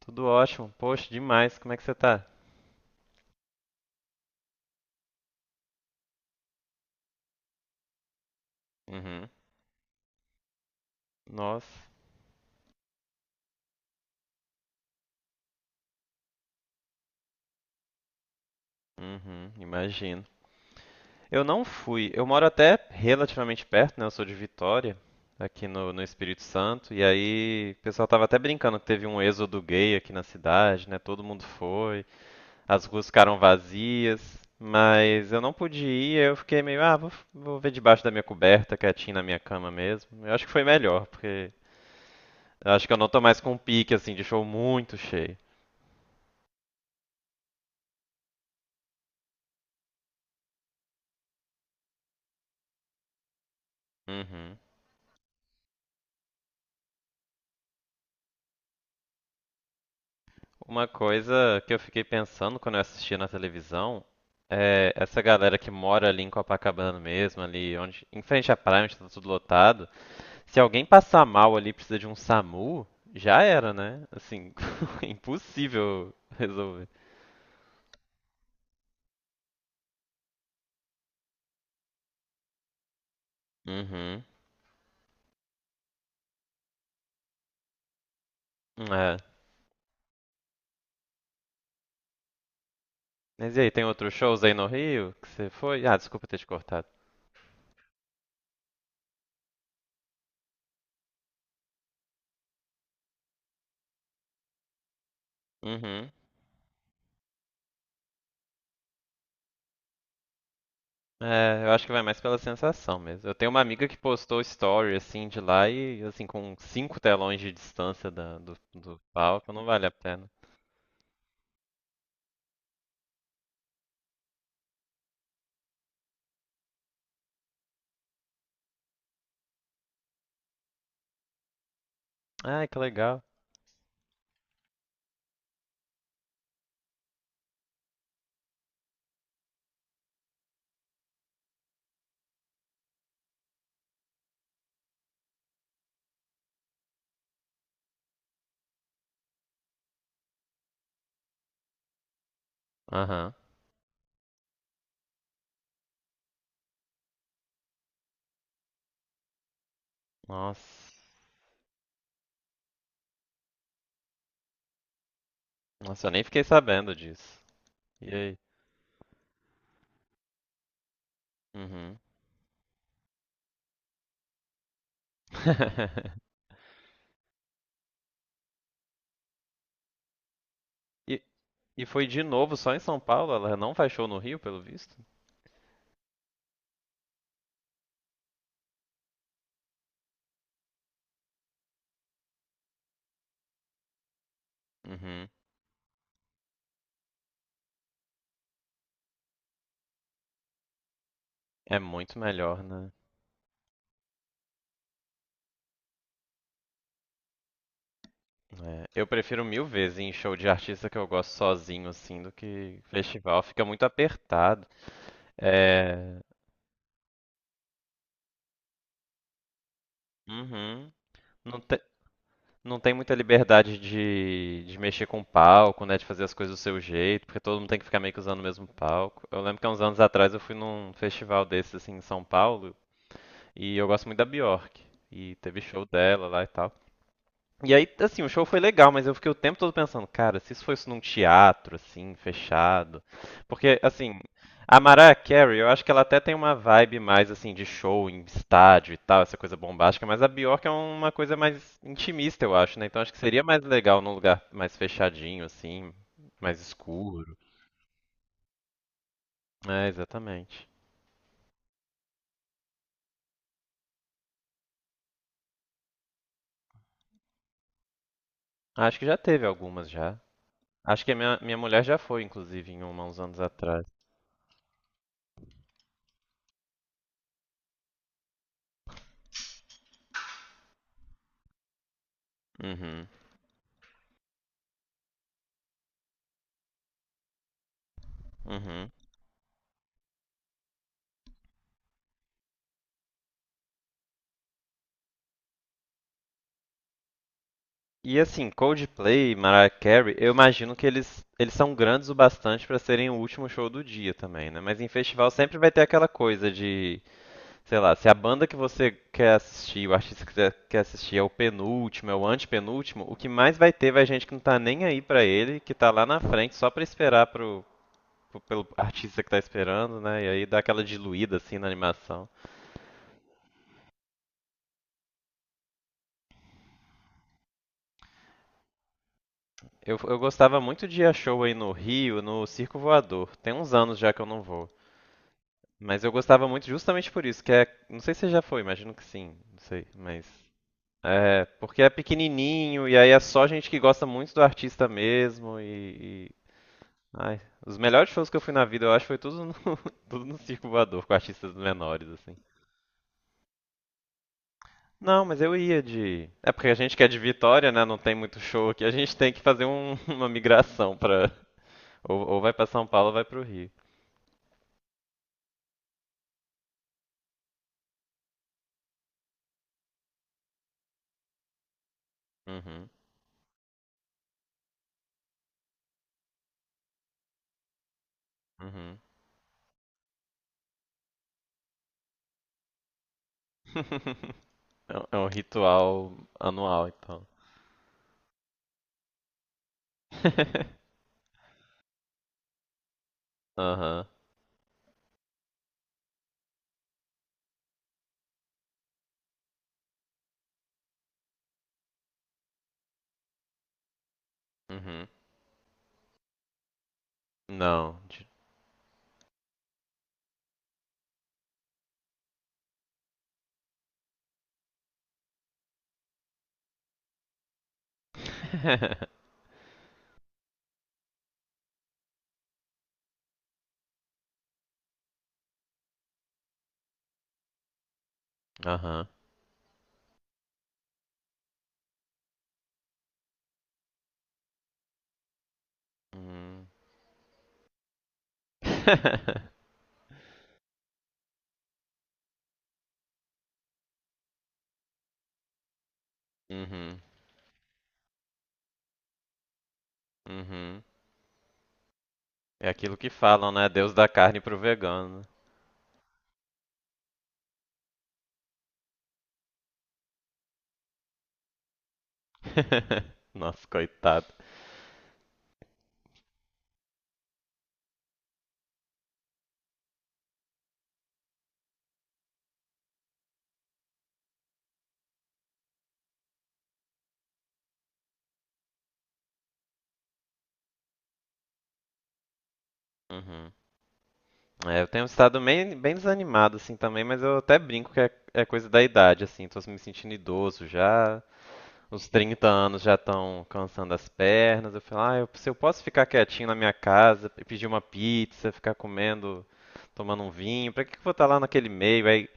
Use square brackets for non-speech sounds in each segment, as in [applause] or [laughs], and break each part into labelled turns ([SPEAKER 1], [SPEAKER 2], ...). [SPEAKER 1] Tudo ótimo. Poxa, demais. Como é que você tá? Uhum. Nossa. Uhum, imagino. Eu não fui. Eu moro até relativamente perto, né? Eu sou de Vitória, aqui no Espírito Santo. E aí, o pessoal tava até brincando que teve um êxodo gay aqui na cidade, né? Todo mundo foi. As ruas ficaram vazias. Mas eu não pude ir, eu fiquei meio, ah, vou ver debaixo da minha coberta, quietinho na minha cama mesmo. Eu acho que foi melhor, porque eu acho que eu não tô mais com um pique, assim, de show muito cheio. Uhum. Uma coisa que eu fiquei pensando quando eu assisti na televisão é essa galera que mora ali em Copacabana mesmo, ali onde, em frente à praia, onde tá tudo lotado. Se alguém passar mal ali e precisa de um SAMU, já era, né? Assim, [laughs] impossível resolver. Uhum. É. Mas e aí, tem outros shows aí no Rio que você foi? Ah, desculpa ter te cortado. Uhum. É, eu acho que vai mais pela sensação mesmo. Eu tenho uma amiga que postou story assim de lá e assim com cinco telões de distância do palco, não vale a pena. Ai, que legal. Aham. Nossa. Nossa, eu nem fiquei sabendo disso. E aí? Uhum. [laughs] E, e foi de novo só em São Paulo? Ela não faz show no Rio, pelo visto? Uhum. É muito melhor, né? É, eu prefiro mil vezes ir em show de artista que eu gosto sozinho, assim, do que festival. Fica muito apertado. É. Uhum. Não te- não tem muita liberdade de mexer com o palco, né? De fazer as coisas do seu jeito, porque todo mundo tem que ficar meio que usando o mesmo palco. Eu lembro que há uns anos atrás eu fui num festival desses assim em São Paulo e eu gosto muito da Bjork. E teve show dela lá e tal. E aí, assim, o show foi legal, mas eu fiquei o tempo todo pensando, cara, se isso fosse num teatro, assim, fechado. Porque, assim, a Mariah Carey, eu acho que ela até tem uma vibe mais, assim, de show em estádio e tal, essa coisa bombástica, mas a Bjork é uma coisa mais intimista, eu acho, né? Então acho que seria mais legal num lugar mais fechadinho, assim, mais escuro. É, exatamente. Acho que já teve algumas já. Acho que a minha, minha mulher já foi, inclusive, em uma uns anos atrás. Uhum, uhum. E assim, Coldplay, Mariah Carey, eu imagino que eles são grandes o bastante pra serem o último show do dia também, né? Mas em festival sempre vai ter aquela coisa de, sei lá, se a banda que você quer assistir, o artista que você quer assistir é o penúltimo, é o antepenúltimo, o que mais vai ter vai gente que não tá nem aí pra ele, que tá lá na frente só pra esperar pro, pelo artista que tá esperando, né? E aí dá aquela diluída assim na animação. Eu gostava muito de ir a show aí no Rio, no Circo Voador. Tem uns anos já que eu não vou. Mas eu gostava muito justamente por isso, que é, não sei se já foi, imagino que sim, não sei, mas é, porque é pequenininho e aí é só gente que gosta muito do artista mesmo ai, os melhores shows que eu fui na vida, eu acho, foi tudo no, [laughs] tudo no Circo Voador, com artistas menores assim. Não, mas eu ia de, é porque a gente que é de Vitória, né, não tem muito show aqui, a gente tem que fazer [laughs] uma migração pra ou vai pra São Paulo ou vai pro Rio. Uhum, uhum. [laughs] É um ritual anual, então. [laughs] Aham. Uhum. Não. [laughs] de- Aham. Hum. [laughs] Uhum. Uhum. É aquilo que falam, né? Deus da carne pro vegano. [laughs] Nossa, coitado. Uhum. É, eu tenho estado bem, bem desanimado, assim, também, mas eu até brinco que é coisa da idade, assim. Tô me sentindo idoso já. Os 30 anos já estão cansando as pernas. Eu falo, ah, eu, se eu posso ficar quietinho na minha casa, e pedir uma pizza, ficar comendo, tomando um vinho, pra que que eu vou estar lá naquele meio? Aí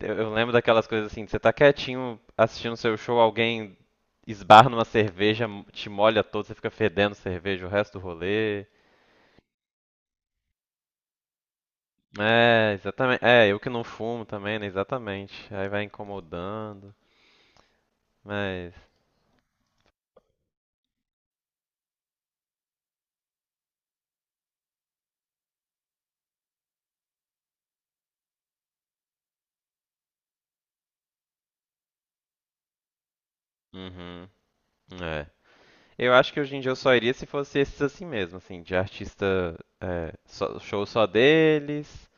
[SPEAKER 1] eu lembro daquelas coisas assim, de você tá quietinho assistindo seu show, alguém esbarra numa cerveja, te molha todo, você fica fedendo cerveja o resto do rolê. É, exatamente. É, eu que não fumo também, né? Exatamente. Aí vai incomodando. Mas. Uhum. É. Eu acho que hoje em dia eu só iria se fosse esses assim mesmo, assim, de artista, é, show só deles.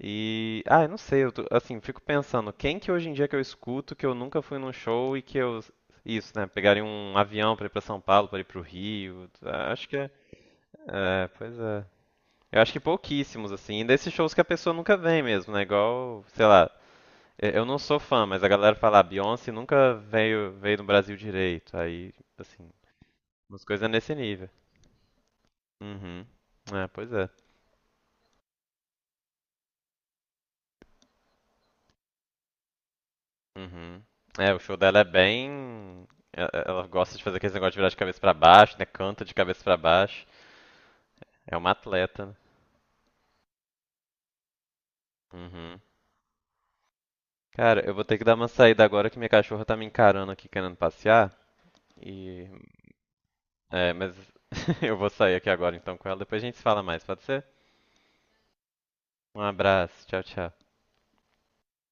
[SPEAKER 1] E, ah, eu não sei, assim, fico pensando, quem que hoje em dia que eu escuto que eu nunca fui num show e que eu, isso, né, pegaria um avião pra ir pra São Paulo, pra ir pro Rio. Ah, acho que é, pois é. Eu acho que pouquíssimos, assim, e desses shows que a pessoa nunca vem mesmo, né, igual, sei lá, eu não sou fã, mas a galera fala, "Ah, Beyoncé nunca veio no Brasil direito", aí, assim, umas coisas nesse nível. Uhum. É, pois é. Uhum. É, o show dela é bem. e- Ela gosta de fazer aquele negócio de virar de cabeça pra baixo, né? Canta de cabeça pra baixo. É uma atleta, né? Uhum. Cara, eu vou ter que dar uma saída agora que minha cachorra tá me encarando aqui querendo passear. E. É, mas [laughs] eu vou sair aqui agora então com ela. Depois a gente se fala mais, pode ser? Um abraço. Tchau, tchau.